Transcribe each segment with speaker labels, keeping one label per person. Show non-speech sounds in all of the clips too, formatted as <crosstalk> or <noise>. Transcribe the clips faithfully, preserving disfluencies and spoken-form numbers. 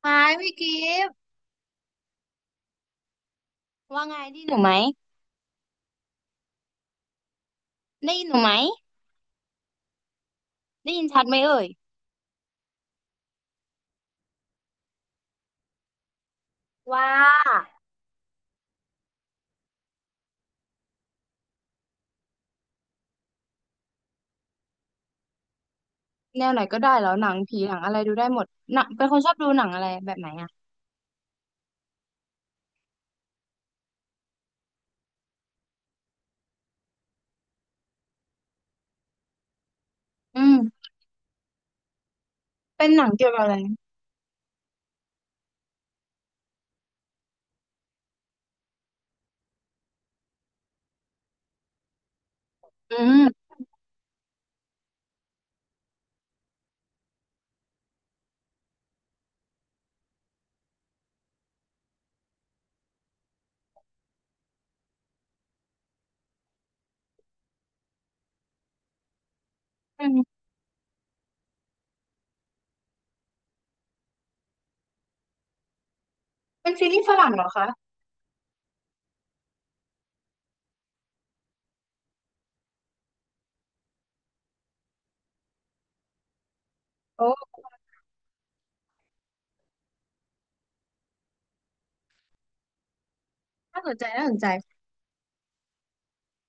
Speaker 1: ไม้พี่กิฟต์ว่าไงได้ยินหนูไหมได้ยินหนูไหมได้ยินชัดไหมเอ่ยว่าแนวไหนก็ได้แล้วหนังผีหนังอะไรดูได้หมดหนังเป็นคนชอบดูหนังอะไรแบบไหนอ่ะอืมเป็นหนังเกี่ยวกับอะไรอืมอืมเป็นซีรีส์ฝรั่งเหรอคะโอ้น่าสนใจน่าสนใจ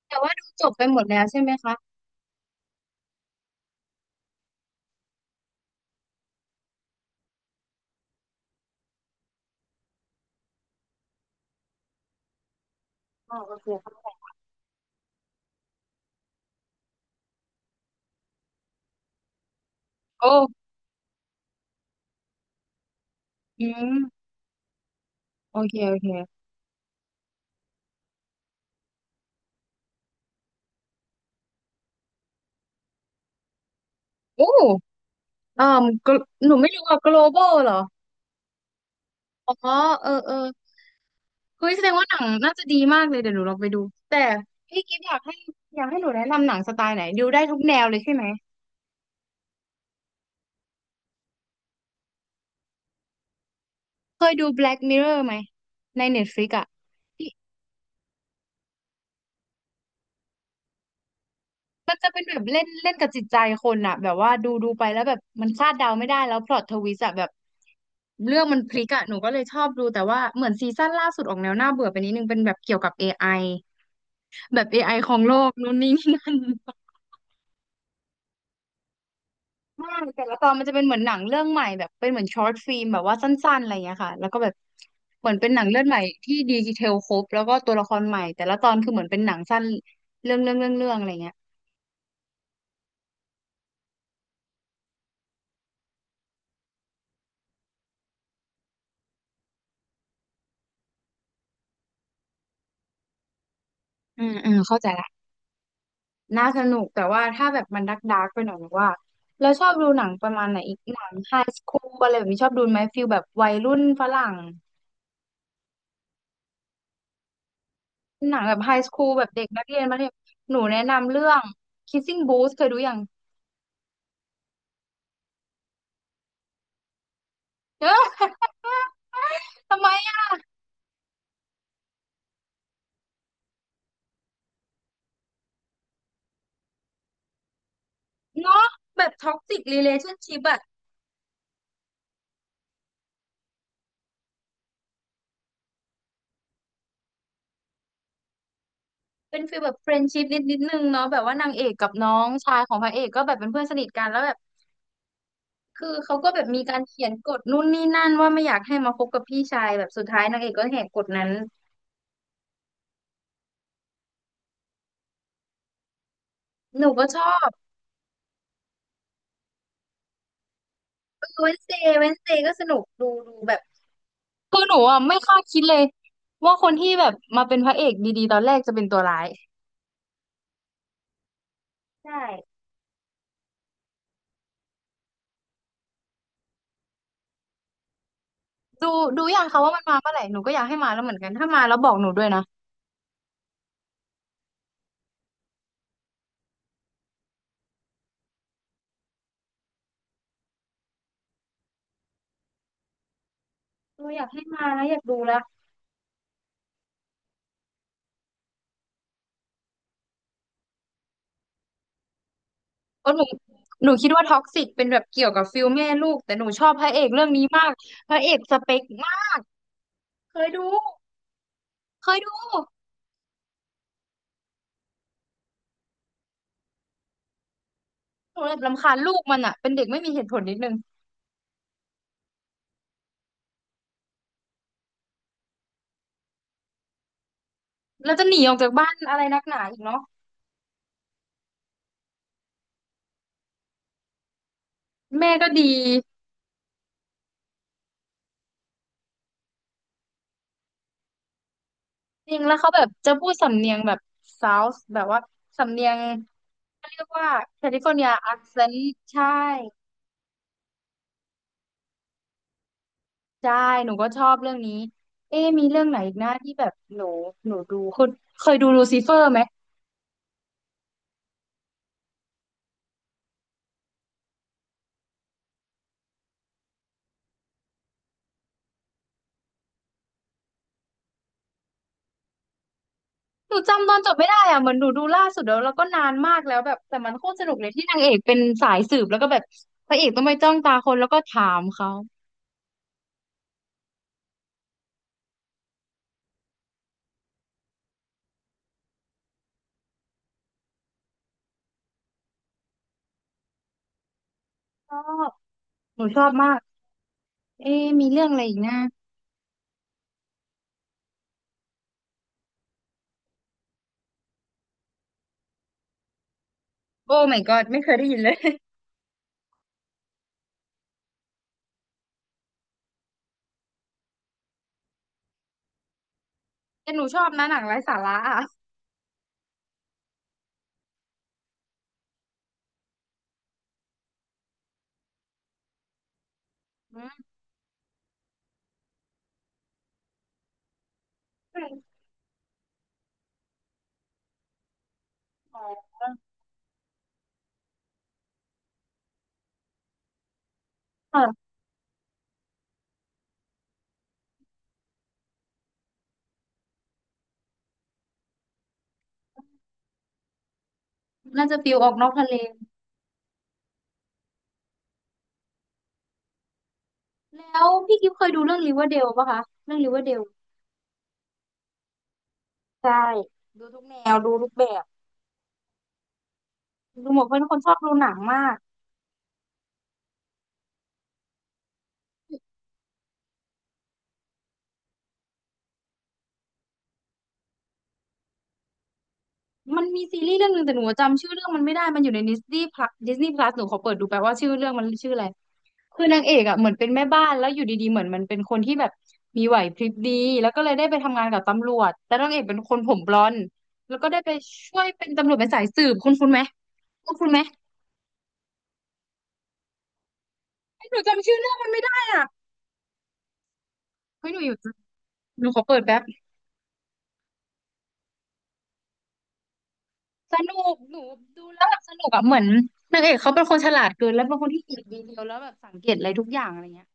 Speaker 1: แต่ว่าดูจบไปหมดแล้วใช่ไหมคะอ๋อโอเคเข้าใจโอ้อืมโอเคโอเคโอ้เอ่าหนูไม่รู้ว่า global เหรออ๋อเออเออ เฮ้ยแสดงว่าหนังน่าจะดีมากเลยเดี๋ยวหนูลองไปดูแต่พี่กิฟต์อยากให้อยากให้หนูแนะนำหนังสไตล์ไหนดูได้ทุกแนวเลยใช่ไหมเคยดู Black Mirror ไหมใน Netflix อ่ะที่มันจะเป็นแบบเล่นเล่นกับจิตใจคนอ่ะแบบว่าดูดูไปแล้วแบบมันคาดเดาไม่ได้แล้วพล็อตทวิสต์อะแบบเรื่องมันพลิกอ่ะหนูก็เลยชอบดูแต่ว่าเหมือนซีซั่นล่าสุดออกแนวน่าเบื่อไปนิดนึงเป็นแบบเกี่ยวกับ เอ ไอ แบบ เอ ไอ ของโลกนู่นนี่ <laughs> นั่น ใช่แต่ละตอนมันจะเป็นเหมือนหนังเรื่องใหม่แบบเป็นเหมือนช็อตฟิล์มแบบว่าสั้นๆอะไรอย่างเงี้ยค่ะแล้วก็แบบเหมือนเป็นหนังเรื่องใหม่ที่ดีเทลครบแล้วก็ตัวละครใหม่แต่ละตอนคือเหมือนเป็นหนังสั้นเรื่องเรื่องเรื่องเรื่องอะไรเงี้ยอืมอืมเข้าใจละน่าสนุกแต่ว่าถ้าแบบมันดักดักไปหน่อยหรือว่าเราชอบดูหนังประมาณไหนอีกหนังไฮสคูลอะไรแบบนี้ชอบดูไหมฟิลแบบวัยรุ่นฝรั่งหนังแบบไฮสคูลแบบเด็กนักเรียนมัธยมหนูแนะนำเรื่อง Kissing Booth เคยดูยัง <laughs> เออทำไมอะ เนาะแบบท็อกซิกรีเลชั่นชิพอะเป็นฟีลแบบเฟรนด์ชิพนิดนิดนึงเนาะแบบว่านางเอกกับน้องชายของพระเอกก็แบบเป็นเพื่อนสนิทกันแล้วแบบคือเขาก็แบบมีการเขียนกฎนู่นนี่นั่นว่าไม่อยากให้มาคบกับพี่ชายแบบสุดท้ายนางเอกก็แหกกฎนั้นหนูก็ชอบเวนเซเวนเซก็สนุกดูดูแบบคือหนูอ่ะไม่คาดคิดเลยว่าคนที่แบบมาเป็นพระเอกดีๆตอนแรกจะเป็นตัวร้ายใช่ดูดูอย่างเขาว่ามันมาเมื่อไหร่หนูก็อยากให้มาแล้วเหมือนกันถ้ามาแล้วบอกหนูด้วยนะหนูอยากให้มาแล้วอยากดูแล้ว เออหนูหนูคิดว่าท็อกซิกเป็นแบบเกี่ยวกับฟิลแม่ลูกแต่หนูชอบพระเอกเรื่องนี้มากพระเอกสเปคมากเคยดูเคยดูหนูแบบรำคาญลูกมันอ่ะเป็นเด็กไม่มีเหตุผลนิดนึงแล้วจะหนีออกจากบ้านอะไรนักหนาอีกเนาะแม่ก็ดีจริงแล้วเขาแบบจะพูดสำเนียงแบบเซาวส์แบบว่าสำเนียงเขาเรียกว่าแคลิฟอร์เนียอักเซนต์ใช่ใช่หนูก็ชอบเรื่องนี้เอ๊ะมีเรื่องไหนอีกนะที่แบบหนูหนูดูเคยเคยดูลูซิเฟอร์ไหม หนูจำตอนจบไม่ได้อ่ะเหมือนหนูดูล่าสุดแล้วแล้วก็นานมากแล้วแบบแต่มันโคตรสนุกเลยที่นางเอกเป็นสายสืบแล้วก็แบบพระเอกต้องไปจ้องตาคนแล้วก็ถามเขาชอบหนูชอบมากเอ๊ะมีเรื่องอะไรอีกนะโอ้ my god ไม่เคยได้ยินเลย <laughs> แต่หนูชอบนะหนังไร้สาระอ่ะอืมอ๋อค่ะน่าจะฟิลออกนอกทะเลแล้วพี่กิฟเคยดูเรื่องริเวอร์เดลปะคะเรื่องริเวอร์เดลใช่ดูทุกแนวดูทุกแบบดูหมดเพราะเป็นคนชอบดูหนังมาก มันมีซีรีส์เรื่องหนึ่งแต่หนูจำชื่อเรื่องมันไม่ได้ มันอยู่ในดิสนีย์พลัสดิสนีย์พลัสหนูขอเปิดดูแปลว่าชื่อเรื่องมันชื่ออะไรคือนางเอกอ่ะเหมือนเป็นแม่บ้านแล้วอยู่ดีๆเหมือนมันเป็นคนที่แบบมีไหวพริบดีแล้วก็เลยได้ไปทำงานกับตำรวจแต่นางเอกเป็นคนผมบลอนด์แล้วก็ได้ไปช่วยเป็นตำรวจเป็นสายสืบคุณคุณไหมคุณคุณไหมเฮ้ยหนูจำชื่อเรื่องมันไม่ได้อ่ะเฮ้ยหนูอยู่หนูขอเปิดแป๊บสนุกหนูดูแล้วแบบสนุกอ่ะเหมือนนางเอกเขาเป็นคนฉลาดเกินแล้วเป็นคนที่เก็บดีเทลแล้วแบบสังเกตอะไรทุกอย่างอะไรเงี้ย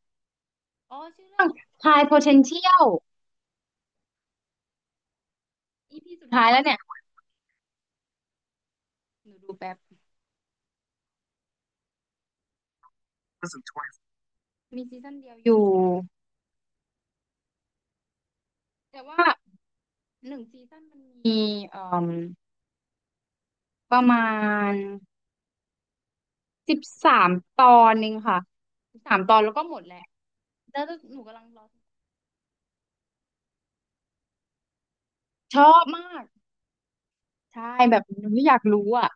Speaker 1: อ๋อชื่อเรื่อง High Potential อีพีสุดท้ายแล้วเนี่ยหนูดูแป๊บมีซีซั่นเดียวอยู่แต่ว่าหนึ่งซีซั่นมันมีเอ่มประมาณสิบสามตอนเองค่ะสิบสามตอนแล้วก็หมดแหละแล้วหนูกำลังรอชอบมากใช่แบบหนูอยากรู้อ่ะ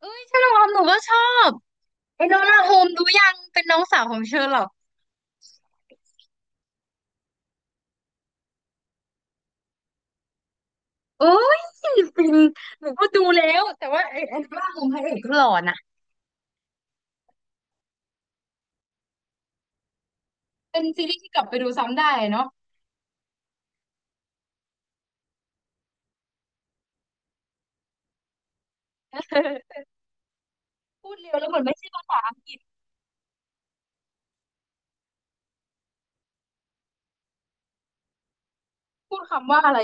Speaker 1: เอ้ยเชอร์ล็อกโฮมส์หนูก็ชอบไอ้โนล่าโฮมดูยังเป็นน้องสาวของเชอร์ล็อกเอ้ยเป็นหนูก็ดูแล้วแต่ว่าไอ้ไอ้โนล่าโฮมส์พระเอกก็หล่อนะเป็นซีรีส์ที่กลับไปดูซ้ำได้เนาะ พูดเร็วแล้วเหมือนไม่ใช่ภาษาอังกฤษพูดคำว่าอะไร่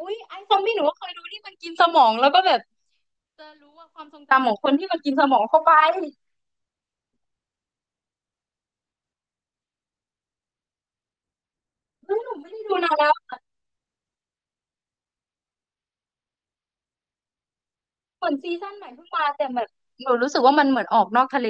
Speaker 1: อุ้ยไอซอมบี้หนูก็เคยดูที่มันกินสมองแล้วก็แบบจะรู้ว่าความทรงจำของคนที่มันกินสมองเข้าไปเฮ้ยหนูไม่ได้ดูนานแล้วเหมือนซีซั่นใหม่เพิ่งมาแต่แบบหนูรู้สึกว่ามันเหมือนออกนอกทะเล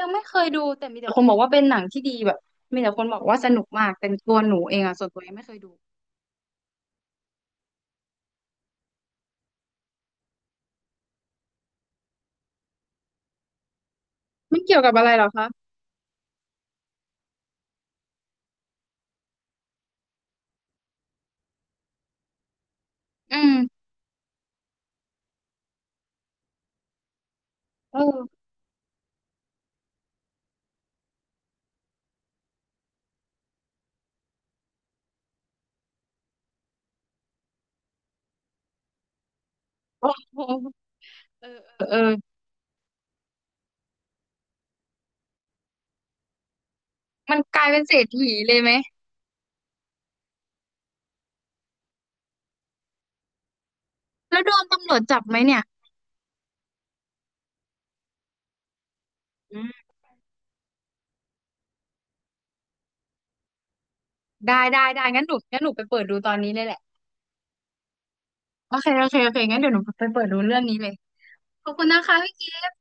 Speaker 1: ยังไม่เคยดูแต่มีแต่คนบอกว่าเป็นหนังที่ดีแบบมีแต่คนบอกว่าสนุกมากแต่ตัวหนูเองอะส่วนตัวยังไม่เคยดูมันเกี่ยวกับอะไรเหรอคะอืมเออโอ้โหเออเออเออมันกลายเป็นเศรษฐีเลยไหมแล้วโดนตำรวจจับไหมเนี่ย ได้ได้ได้งั้นหนูงั้นหนูไปเปิดดูตอนนี้เลยแหละโอเคโอเคโอเคงั้นเดี๋ยวหนูไปเปิดดูเรื่องนี้เลยขอบคุณนะคะพี่กิฟ